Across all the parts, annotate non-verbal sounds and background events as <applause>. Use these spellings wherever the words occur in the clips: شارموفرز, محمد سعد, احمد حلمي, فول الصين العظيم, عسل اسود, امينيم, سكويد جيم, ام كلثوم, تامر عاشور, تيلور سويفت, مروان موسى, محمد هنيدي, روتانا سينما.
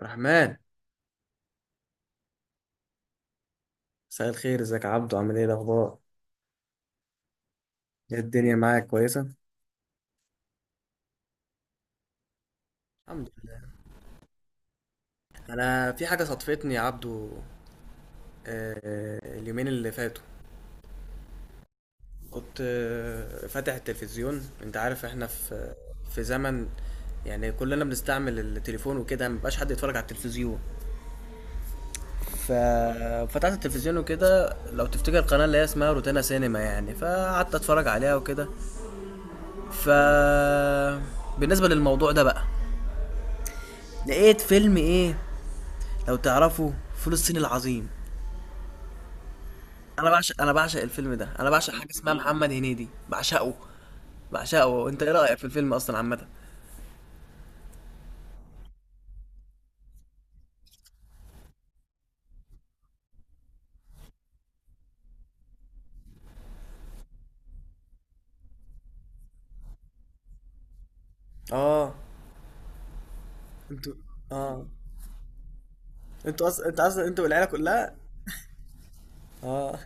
رحمن، مساء الخير. ازيك يا عبدو، عامل ايه الاخبار؟ ايه الدنيا، معاك كويسه؟ الحمد لله. انا في حاجه صدفتني يا عبدو. اليومين اللي فاتوا كنت فاتح التلفزيون. انت عارف احنا في زمن، يعني كلنا بنستعمل التليفون وكده، مبقاش حد يتفرج على التلفزيون. ففتحت التلفزيون وكده، لو تفتكر، القناه اللي هي اسمها روتانا سينما، يعني فقعدت اتفرج عليها وكده. ف بالنسبه للموضوع ده بقى، لقيت فيلم ايه، لو تعرفوا، فول الصين العظيم. انا بعشق الفيلم ده، انا بعشق حاجه اسمها محمد هنيدي، بعشقه. انت ايه رايك في الفيلم اصلا عامه؟ اه. انتوا اه، انتوا اصلا انت اصلا انتوا والعيله كلها. اه.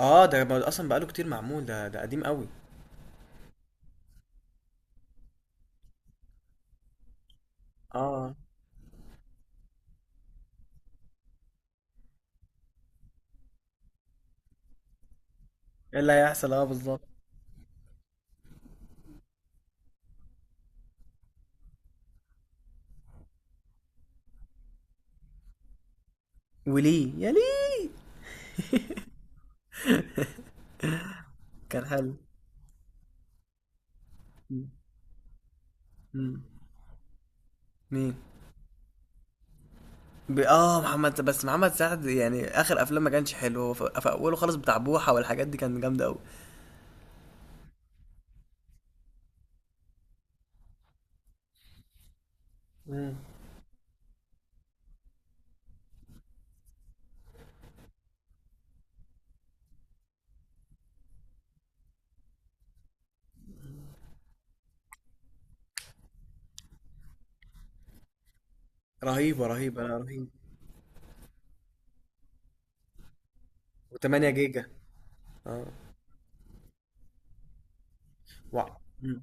اه، ده اصلا بقاله كتير معمول، ده قديم قوي. اه، ايه اللي هيحصل، اه بالظبط. وليه يا ليه. كان حلو. م- م. مين؟ اه، محمد، بس محمد سعد يعني اخر افلام ما كانش حلو. هو في اوله خالص بتاع بوحه، والحاجات دي كانت جامده قوي. رهيبة رهيبة، لا رهيبة. و8 جيجا. اه. وع مم.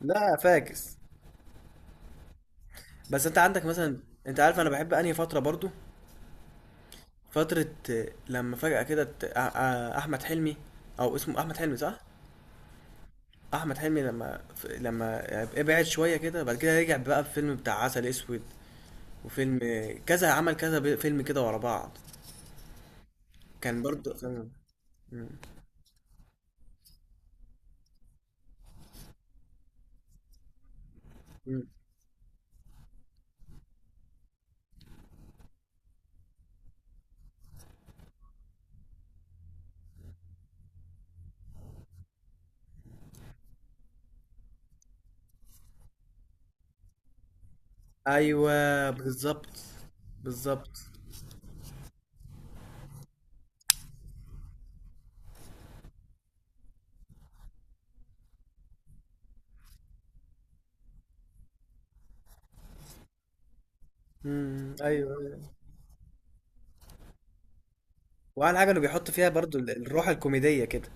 لا فاكس. بس انت عندك مثلا، انت عارف انا بحب انهي فترة برضو؟ فترة لما فجأة كده احمد حلمي، او اسمه احمد حلمي صح؟ احمد حلمي لما ابعد شوية كده، بعد كده رجع بقى بفيلم بتاع عسل اسود، وفيلم كذا، عمل كذا فيلم كده ورا بعض، كان برضو مم. ايوه بالظبط. بالظبط. ايوه. واحلى حاجه انه بيحط فيها برضو الروح الكوميديه كده.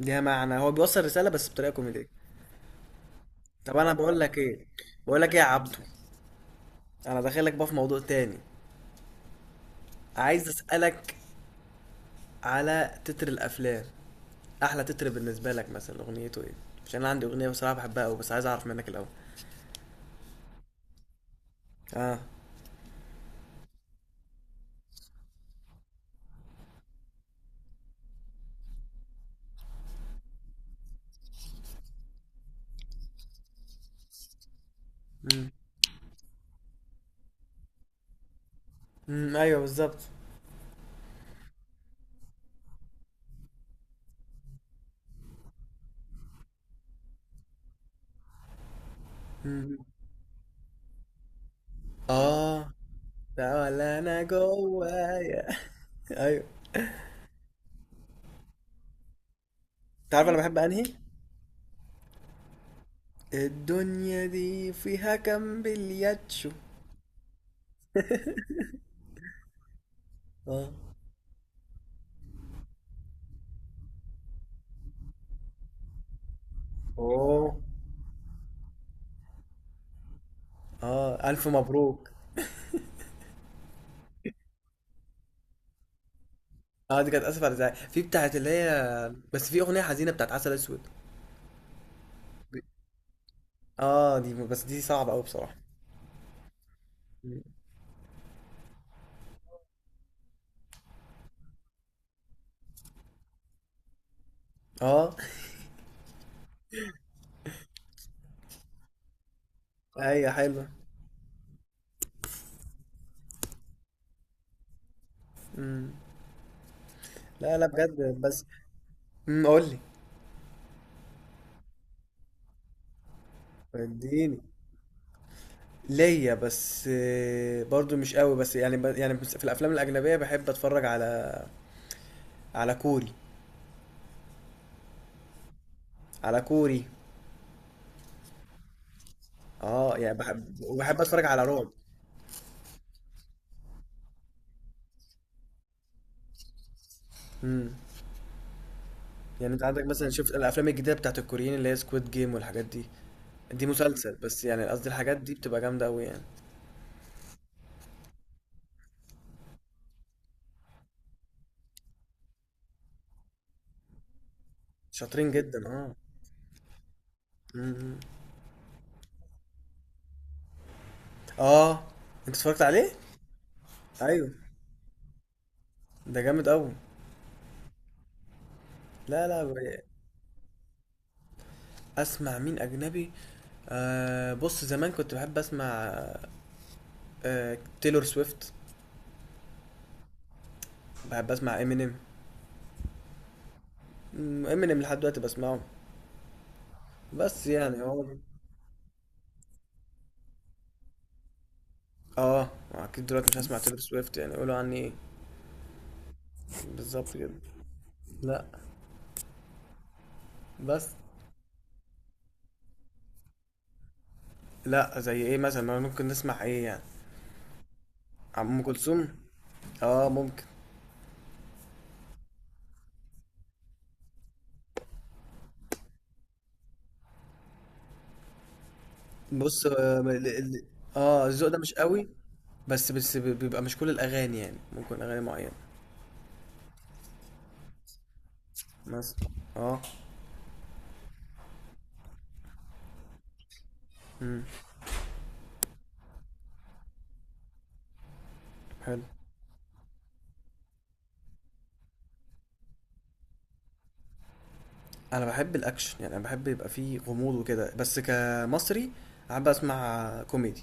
ليها معنى، هو بيوصل رساله بس بطريقه كوميديه. طب انا بقول لك ايه، يا عبدو، انا داخلك بقى في موضوع تاني، عايز اسالك على تتر الافلام. احلى تتر بالنسبه لك مثلا اغنيته ايه؟ عشان انا عندي اغنيه بصراحه بحبها قوي، بس عايز اعرف منك الاول. اه. امم. ايوه بالظبط. أمم. اه، ده ولا انا جوايا. <laughs> ايوه. تعرف انا بحب انهي الدنيا دي فيها كام بلياتشو. اه. اوه، اه، الف مبروك. اه، دي كانت اسف على الازعاج، في بتاعت اللي هي، بس في اغنيه حزينه بتاعت عسل اسود. اه، دي، بس دي صعبه قوي بصراحه. اه. هي حلوه. مم. لا لا، بجد. بس. قول لي. اديني. ليا بس برضو مش قوي، بس يعني يعني بس في الافلام الاجنبيه بحب اتفرج على على كوري على كوري. اه، يعني بحب، اتفرج على رعب. امم يعني انت عندك مثلا، شفت الافلام الجديده بتاعت الكوريين، اللي هي سكويد جيم والحاجات دي؟ دي مسلسل، بس يعني قصدي الحاجات دي بتبقى جامده قوي يعني. شاطرين جدا، اه. م-م. اه، انت اتفرجت عليه؟ ايوه، ده جامد قوي. لا لا، اسمع مين اجنبي. آه، بص، زمان كنت بحب اسمع آه تيلور سويفت، بحب اسمع امينيم، امينيم لحد دلوقتي بسمعه. بس يعني هو، اه اكيد دلوقتي مش هسمع تيلور سويفت، يعني يقولوا عني ايه. بالظبط كده. لا. بس. لا، زي ايه مثلا؟ ما ممكن نسمع ايه يعني؟ عم ام كلثوم؟ اه ممكن. بص، اه الذوق ده مش قوي، بس بيبقى مش كل الاغاني يعني، ممكن اغاني معينه. مثلا. اه. حلو. انا بحب الاكشن، يعني انا بحب يبقى فيه غموض وكده، بس كمصري احب اسمع كوميدي.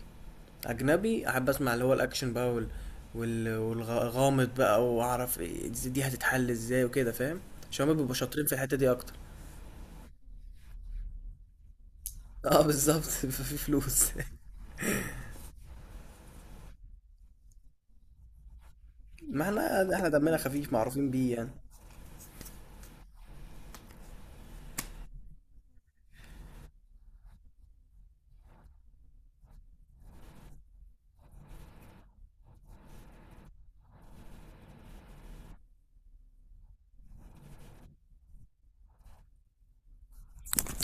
اجنبي احب اسمع اللي هو الاكشن بقى، والغامض بقى، واعرف إيه دي، دي هتتحل ازاي وكده فاهم. عشان هما بيبقوا شاطرين في الحته دي اكتر. اه بالظبط، <laughs> في فلوس. ما احنا دمنا خفيف معروفين بيه يعني.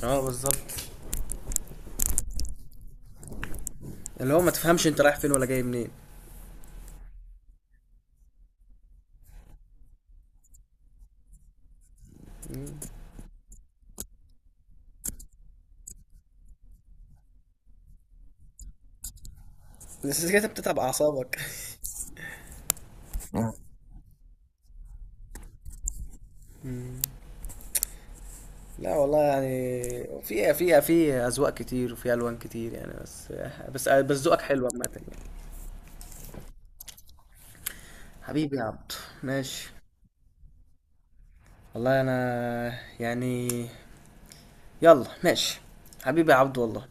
اه بالظبط، اللي هو ما تفهمش انت رايح فين ولا جاي منين. بس كده بتتعب اعصابك. <laughs> لا والله، يعني في اذواق كتير، وفي الوان كتير يعني. بس بس ذوقك حلو عامه يعني. حبيبي يا عبد. ماشي. والله انا، يعني، يلا ماشي. حبيبي يا عبد والله.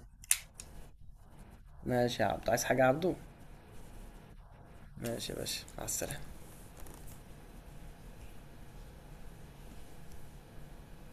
ماشي يا عبد، عايز حاجه يا عبدو؟ ماشي يا باشا، مع السلامه.